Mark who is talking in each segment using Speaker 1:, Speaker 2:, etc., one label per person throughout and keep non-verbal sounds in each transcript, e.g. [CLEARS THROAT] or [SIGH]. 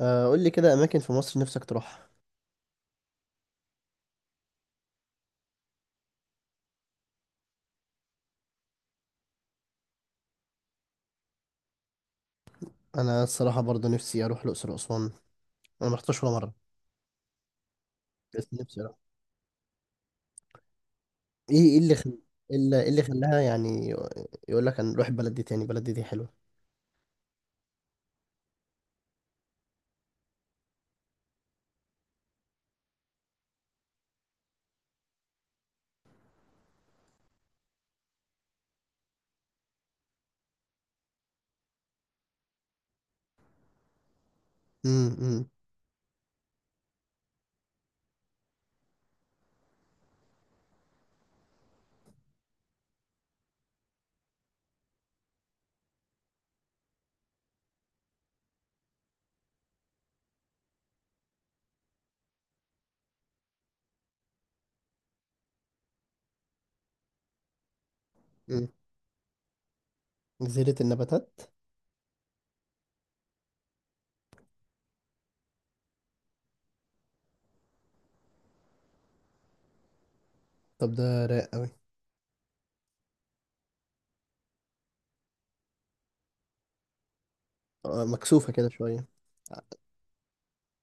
Speaker 1: آه، قول لي كده اماكن في مصر نفسك تروحها. انا الصراحه برضه نفسي اروح الاقصر واسوان. انا ما رحتش ولا مره. بس نفسي اروح. ايه ايه اللي خل... إيه اللي خلاها يعني؟ يقول لك هنروح البلد دي تاني، البلد دي دي حلوه. امم امم أمم. جزيره النباتات. طب ده رايق قوي. مكسوفه كده شويه.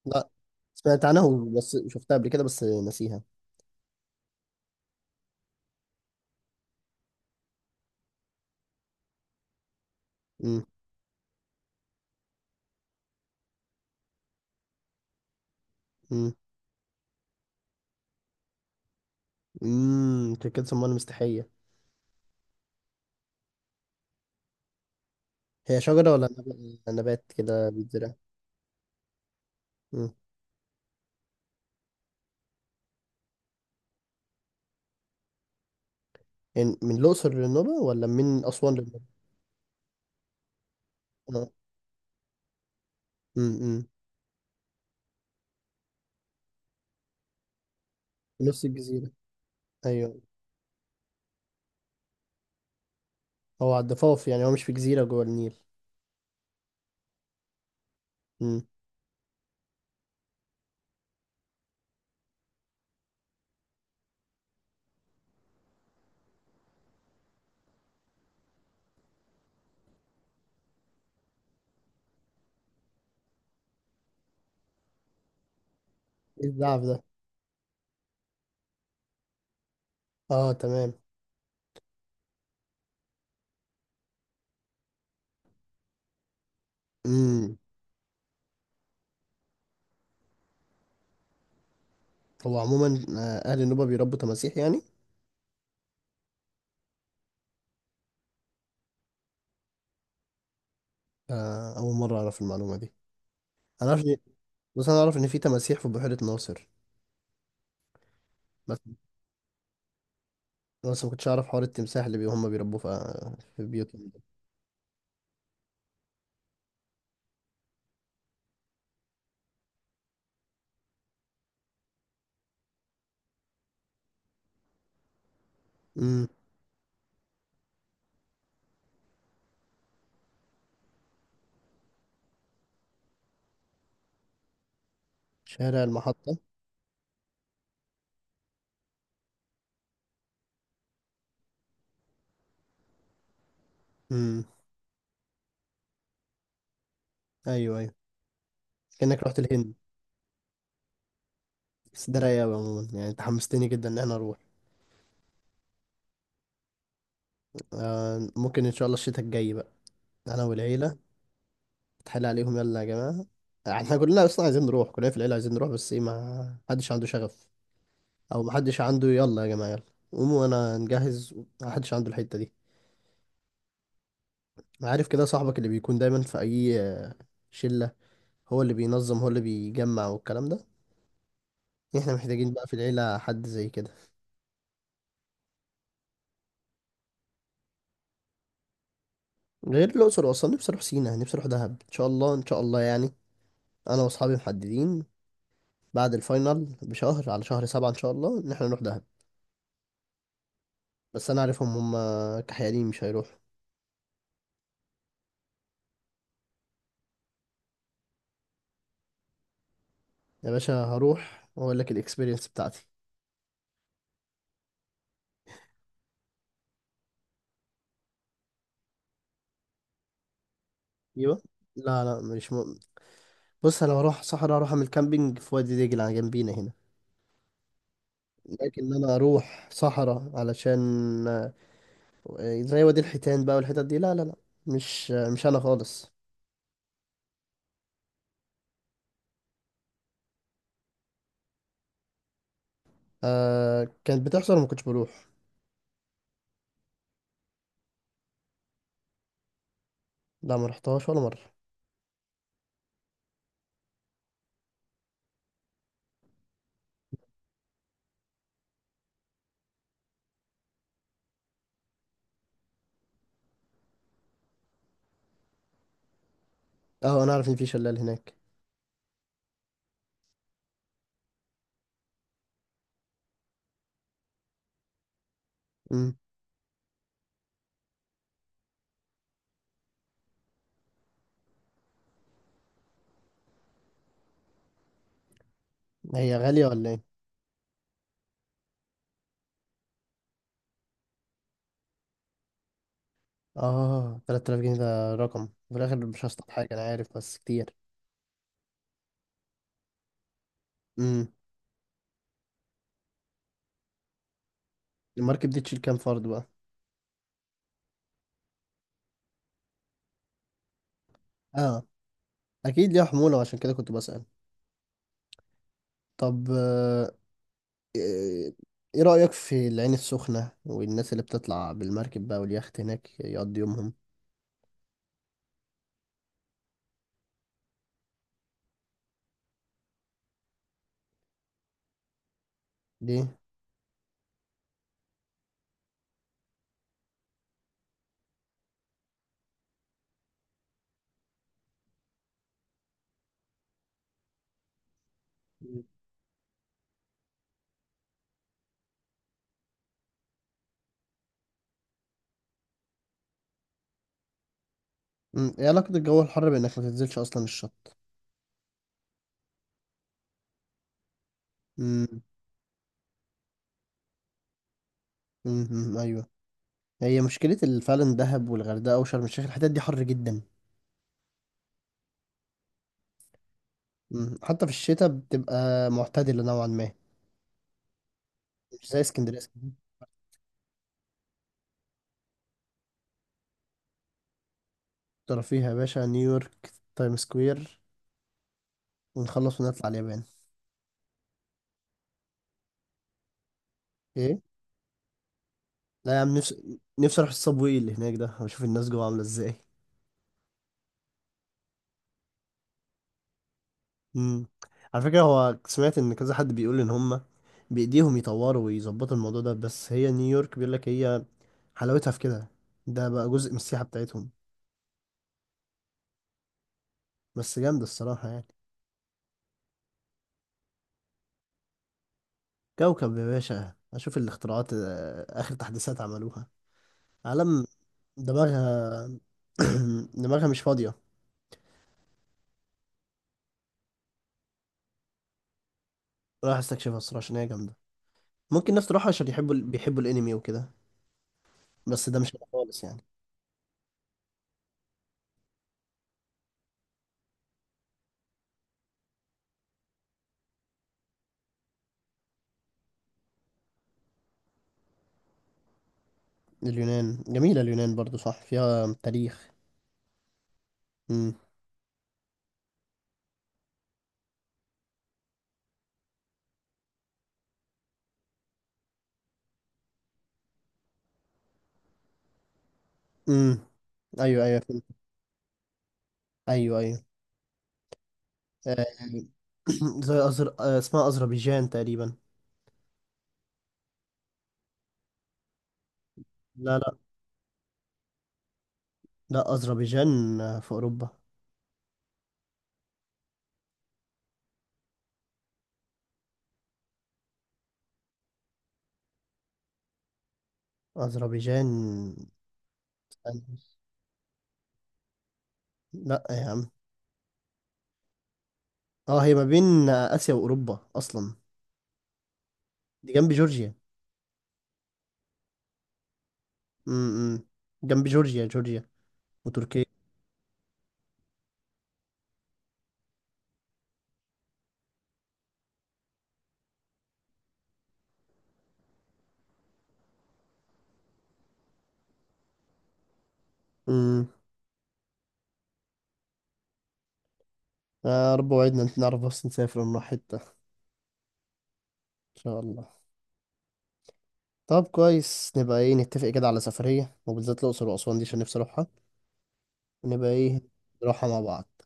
Speaker 1: لا، سمعت عنها بس شفتها قبل كده بس نسيها. امم امم أنت كده سموها مستحيه. هي شجره ولا نبات كده بيتزرع؟ امم يعني من الاقصر للنوبه ولا من اسوان للنوبه؟ اه. امم نفس الجزيرة؟ ايوه. هو على الضفاف يعني، هو مش في جزيرة جوه النيل؟ امم ايه الزعف ده؟ اه تمام. امم هو عموما اهل النوبة بيربوا تماسيح يعني؟ آه، اول مرة اعرف المعلومة دي. انا اعرف إن- بس انا اعرف ان في تماسيح في بحيرة ناصر. بس ما كنتش اعرف حوار التمساح اللي هم بيربوه في بيوتهم ده. امم شارع المحطة. امم. ايوه، كأنك رحت الهند. بس ده رايق أوي عموما يعني، انت حمستني جدا ان انا اروح. آه، ممكن ان شاء الله الشتاء الجاي بقى، انا والعيلة. اتحايل عليهم، يلا يا جماعة. احنا كلنا اصلا عايزين نروح، كلنا في العيلة عايزين نروح، بس ايه، ما حدش عنده شغف. او ما حدش عنده يلا يا جماعة يلا قوموا وانا نجهز. ما حدش عنده الحتة دي. أنا عارف كده صاحبك اللي بيكون دايما في اي شلة، هو اللي بينظم هو اللي بيجمع والكلام ده. احنا محتاجين بقى في العيلة حد زي كده. غير الأقصر وأسوان، نفسي أروح سينا، نفسي أروح دهب، إن شاء الله إن شاء الله يعني. أنا وأصحابي محددين بعد الفاينل بشهر، على شهر سبعة إن شاء الله إن احنا نروح دهب. بس أنا عارفهم، هم كحيانين مش هيروحوا. يا باشا هروح واقول لك الاكسبيرينس بتاعتي. ايوه. لا مش م... بص انا هروح صحراء، اروح اعمل كامبينج في وادي دجله جنبينا هنا. لكن انا اروح صحراء علشان آه، زي وادي الحيتان بقى والحتت دي، لا، مش انا خالص. آه، كانت بتحصل وما كنتش بروح. لا، ما رحتهاش ولا مره. اه انا عارف ان في شلال هناك. امم. هي غاليه ولا ايه؟ اه، 3000 جنيه ده رقم في الاخر، مش هصطاد حاجه انا عارف بس كتير. امم. المركب دي تشيل كام فرد بقى؟ اه، اكيد ليها حمولة وعشان كده كنت بسأل. طب ايه إيه رأيك في العين السخنة والناس اللي بتطلع بالمركب بقى واليخت هناك يقضي يومهم؟ دي. مم. مم، ايه علاقة الجو الحر بانك ما تنزلش اصلا الشط؟ مم، مم، ايوه. هي مشكلة فعلا دهب والغردقة وشرم الشيخ الحتت دي حر جدا. مم، حتى في الشتاء بتبقى معتدلة نوعا ما. مش زي اسكندرية، اسكندرية. ترى فيها يا باشا نيويورك، تايم سكوير، ونخلص ونطلع اليابان. ايه؟ لا يا عم، نفسي اروح الصابوي اللي هناك ده واشوف الناس جوه عامله ازاي. امم. على فكره هو، سمعت ان كذا حد بيقول ان هم بايديهم يطوروا ويظبطوا الموضوع ده، بس هي نيويورك بيقول لك هي حلاوتها في كده، ده بقى جزء من السياحه بتاعتهم. بس جامده الصراحه يعني. كوكب يا باشا، اشوف الاختراعات، آه، اخر تحديثات عملوها. عالم. دماغها. [CLEARS THROAT] دماغها مش فاضيه. رايح استكشفها الصراحه عشان هي جامده. ممكن ناس تروحها عشان يحبوا بيحبوا الانمي وكده، بس ده مش أنا خالص يعني. اليونان جميلة، اليونان برضو صح فيها تاريخ. امم. امم ايوه، فهمت. ايوه ايوه. آه، [CLEARS THROAT] زي أزر... آه، اسمها أذربيجان تقريبا. لا لا لا، أذربيجان في أوروبا. أذربيجان. استنى. لا يا عم، اه هي ما بين آسيا وأوروبا أصلا. دي جنب جورجيا. امم. جنب جورجيا، وتركيا. امم. يا رب وعدنا نعرف بس نسافر ونروح حتة إن شاء الله. طب كويس، نبقى ايه نتفق كده على سفرية وبالذات الأقصر وأسوان دي عشان نفسي أروحها، ونبقى ايه نروحها مع بعض.